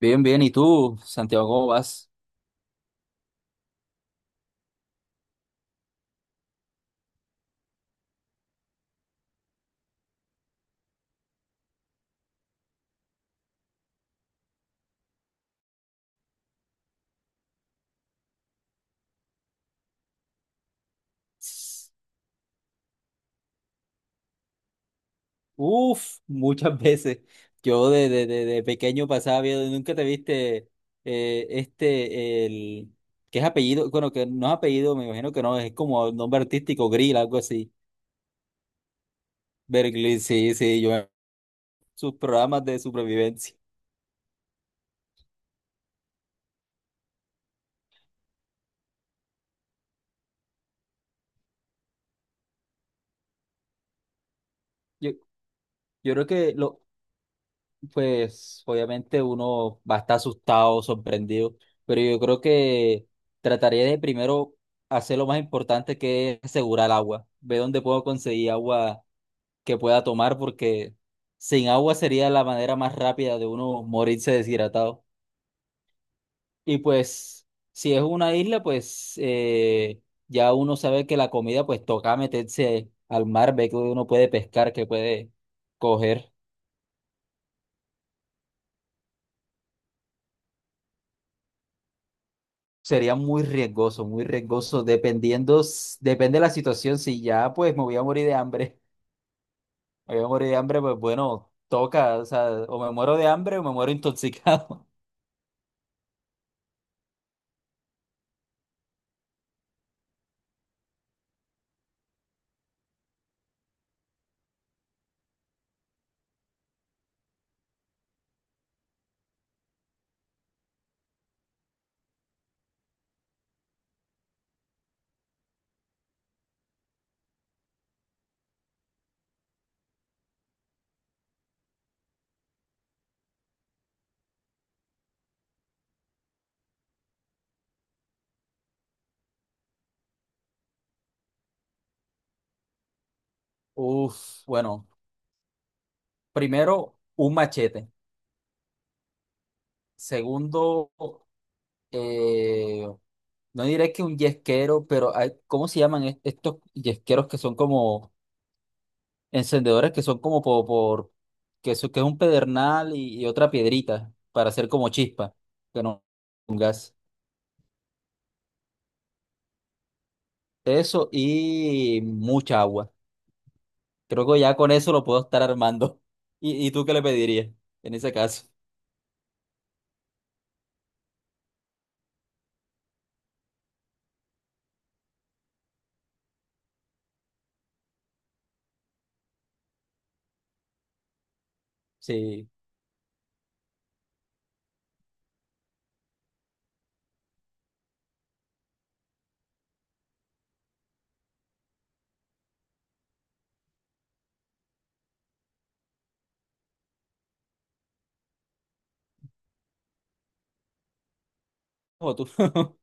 Bien, bien. ¿Y tú, Santiago, cómo vas? Uf, muchas veces. Yo de pequeño pasaba viendo, nunca te viste eh, este, el, que es apellido, bueno, que no es apellido, me imagino que no, es como el nombre artístico, Grill, algo así. Berglin, sí, sí, yo sus programas de supervivencia. Yo, yo creo que lo, Pues obviamente uno va a estar asustado, sorprendido, pero yo creo que trataría de primero hacer lo más importante, que es asegurar agua, ver dónde puedo conseguir agua que pueda tomar, porque sin agua sería la manera más rápida de uno morirse deshidratado. Y pues si es una isla, pues ya uno sabe que la comida, pues toca meterse al mar, ver que uno puede pescar, que puede coger. Sería muy riesgoso, dependiendo, depende de la situación. Si ya pues me voy a morir de hambre, me voy a morir de hambre, pues bueno, toca, o sea, o me muero de hambre o me muero intoxicado. Uf, bueno, primero, un machete. Segundo, eh, no diré que un yesquero, pero ¿cómo se llaman estos yesqueros que son como encendedores, que son como que, que es un pedernal y otra piedrita para hacer como chispa, que no un gas. Eso y mucha agua. Creo que ya con eso lo puedo estar armando. ¿Y, y tú qué le pedirías en ese caso? Sí, o tú.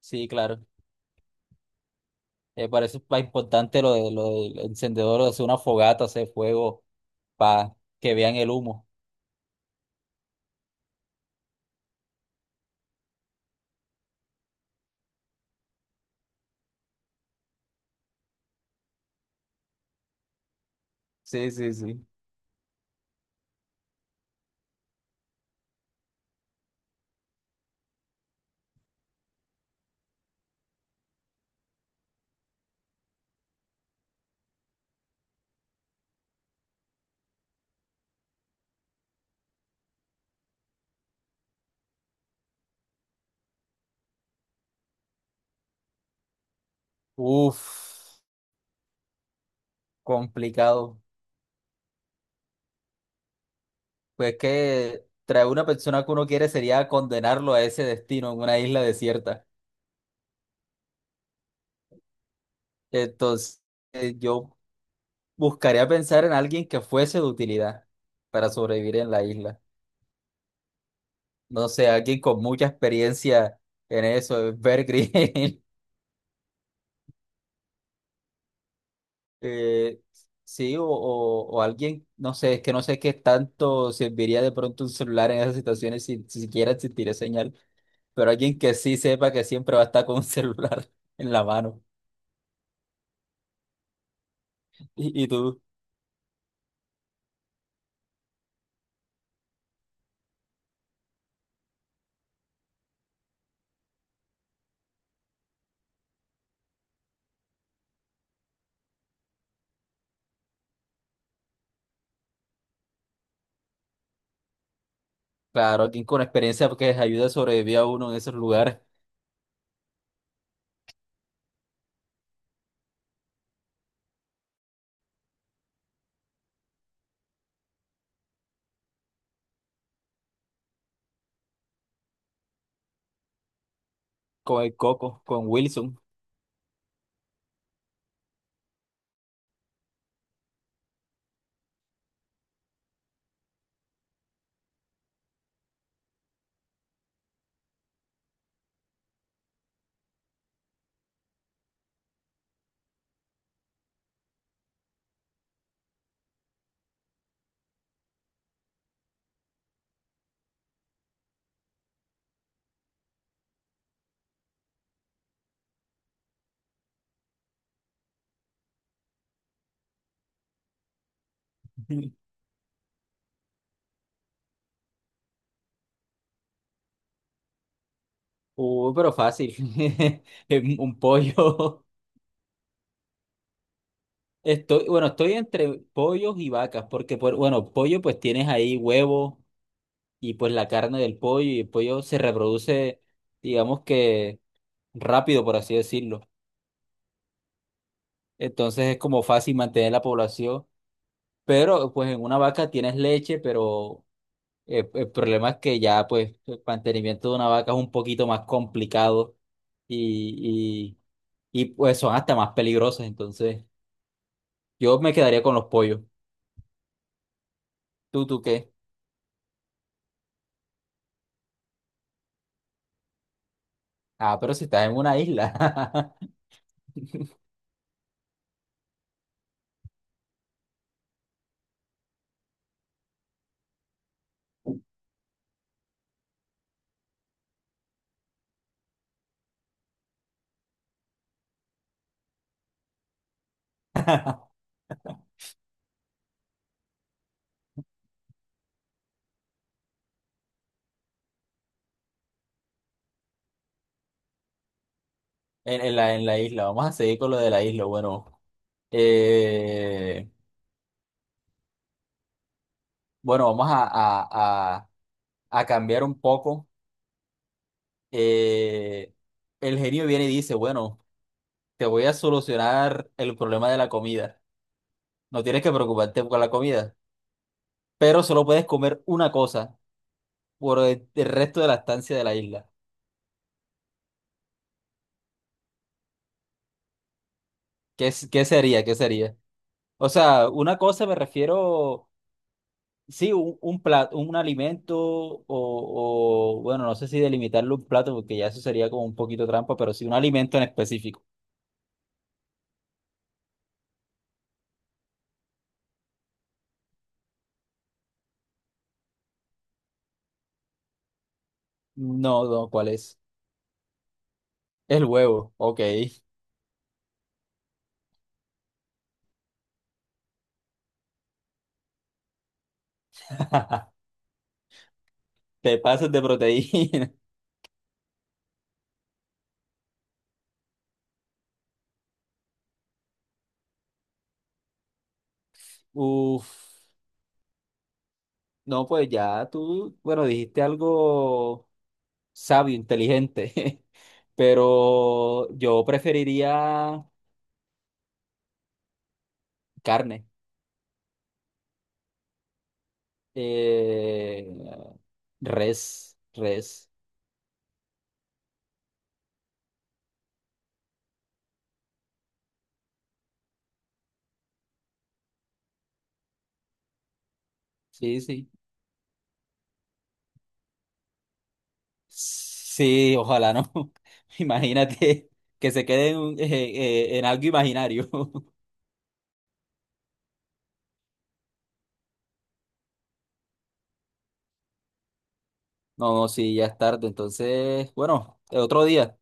Sí, claro. Para eso es más importante lo, de, lo del encendedor, o hacer una fogata, hacer fuego, para que vean el humo. Sí, sí, sí. Uf, complicado. Pues que traer una persona que uno quiere sería condenarlo a ese destino en una isla desierta. Entonces, yo buscaría pensar en alguien que fuese de utilidad para sobrevivir en la isla. No sé, alguien con mucha experiencia en eso, Bear Grylls, eh, sí, o alguien, no sé, es que no sé qué tanto serviría de pronto un celular en esas situaciones, si si siquiera existiría señal, pero alguien que sí sepa, que siempre va a estar con un celular en la mano. Y tú, claro, alguien con experiencia porque les ayude a sobrevivir a uno en esos lugares, con el Coco, con Wilson. Pero fácil. Es un pollo. Estoy, bueno, estoy entre pollos y vacas, porque por, bueno, pollo pues tienes ahí huevo y pues la carne del pollo, y el pollo se reproduce, digamos que rápido, por así decirlo. Entonces es como fácil mantener la población, pero pues en una vaca tienes leche, pero el problema es que ya pues el mantenimiento de una vaca es un poquito más complicado y, y pues son hasta más peligrosas, entonces. Yo me quedaría con los pollos. ¿Tú, tú qué? Ah, pero si estás en una isla. En la isla. Vamos a seguir con lo de la isla. Bueno, eh, bueno, vamos a cambiar un poco. Eh, el genio viene y dice, bueno, te voy a solucionar el problema de la comida. No tienes que preocuparte con la comida, pero solo puedes comer una cosa por el resto de la estancia de la isla. ¿Qué, qué sería? ¿Qué sería? O sea, una cosa, me refiero. Sí, un plato, un alimento o, bueno, no sé si delimitarlo un plato, porque ya eso sería como un poquito trampa, pero sí un alimento en específico. No, no, ¿cuál es? El huevo, ok. Te pasas de proteína. Uf, no, pues ya tú, bueno, dijiste algo sabio, inteligente, pero yo preferiría carne, eh, res, res, sí, sí. Sí, ojalá no. Imagínate que se quede en, en algo imaginario. No, no, sí, ya es tarde. Entonces, bueno, otro día.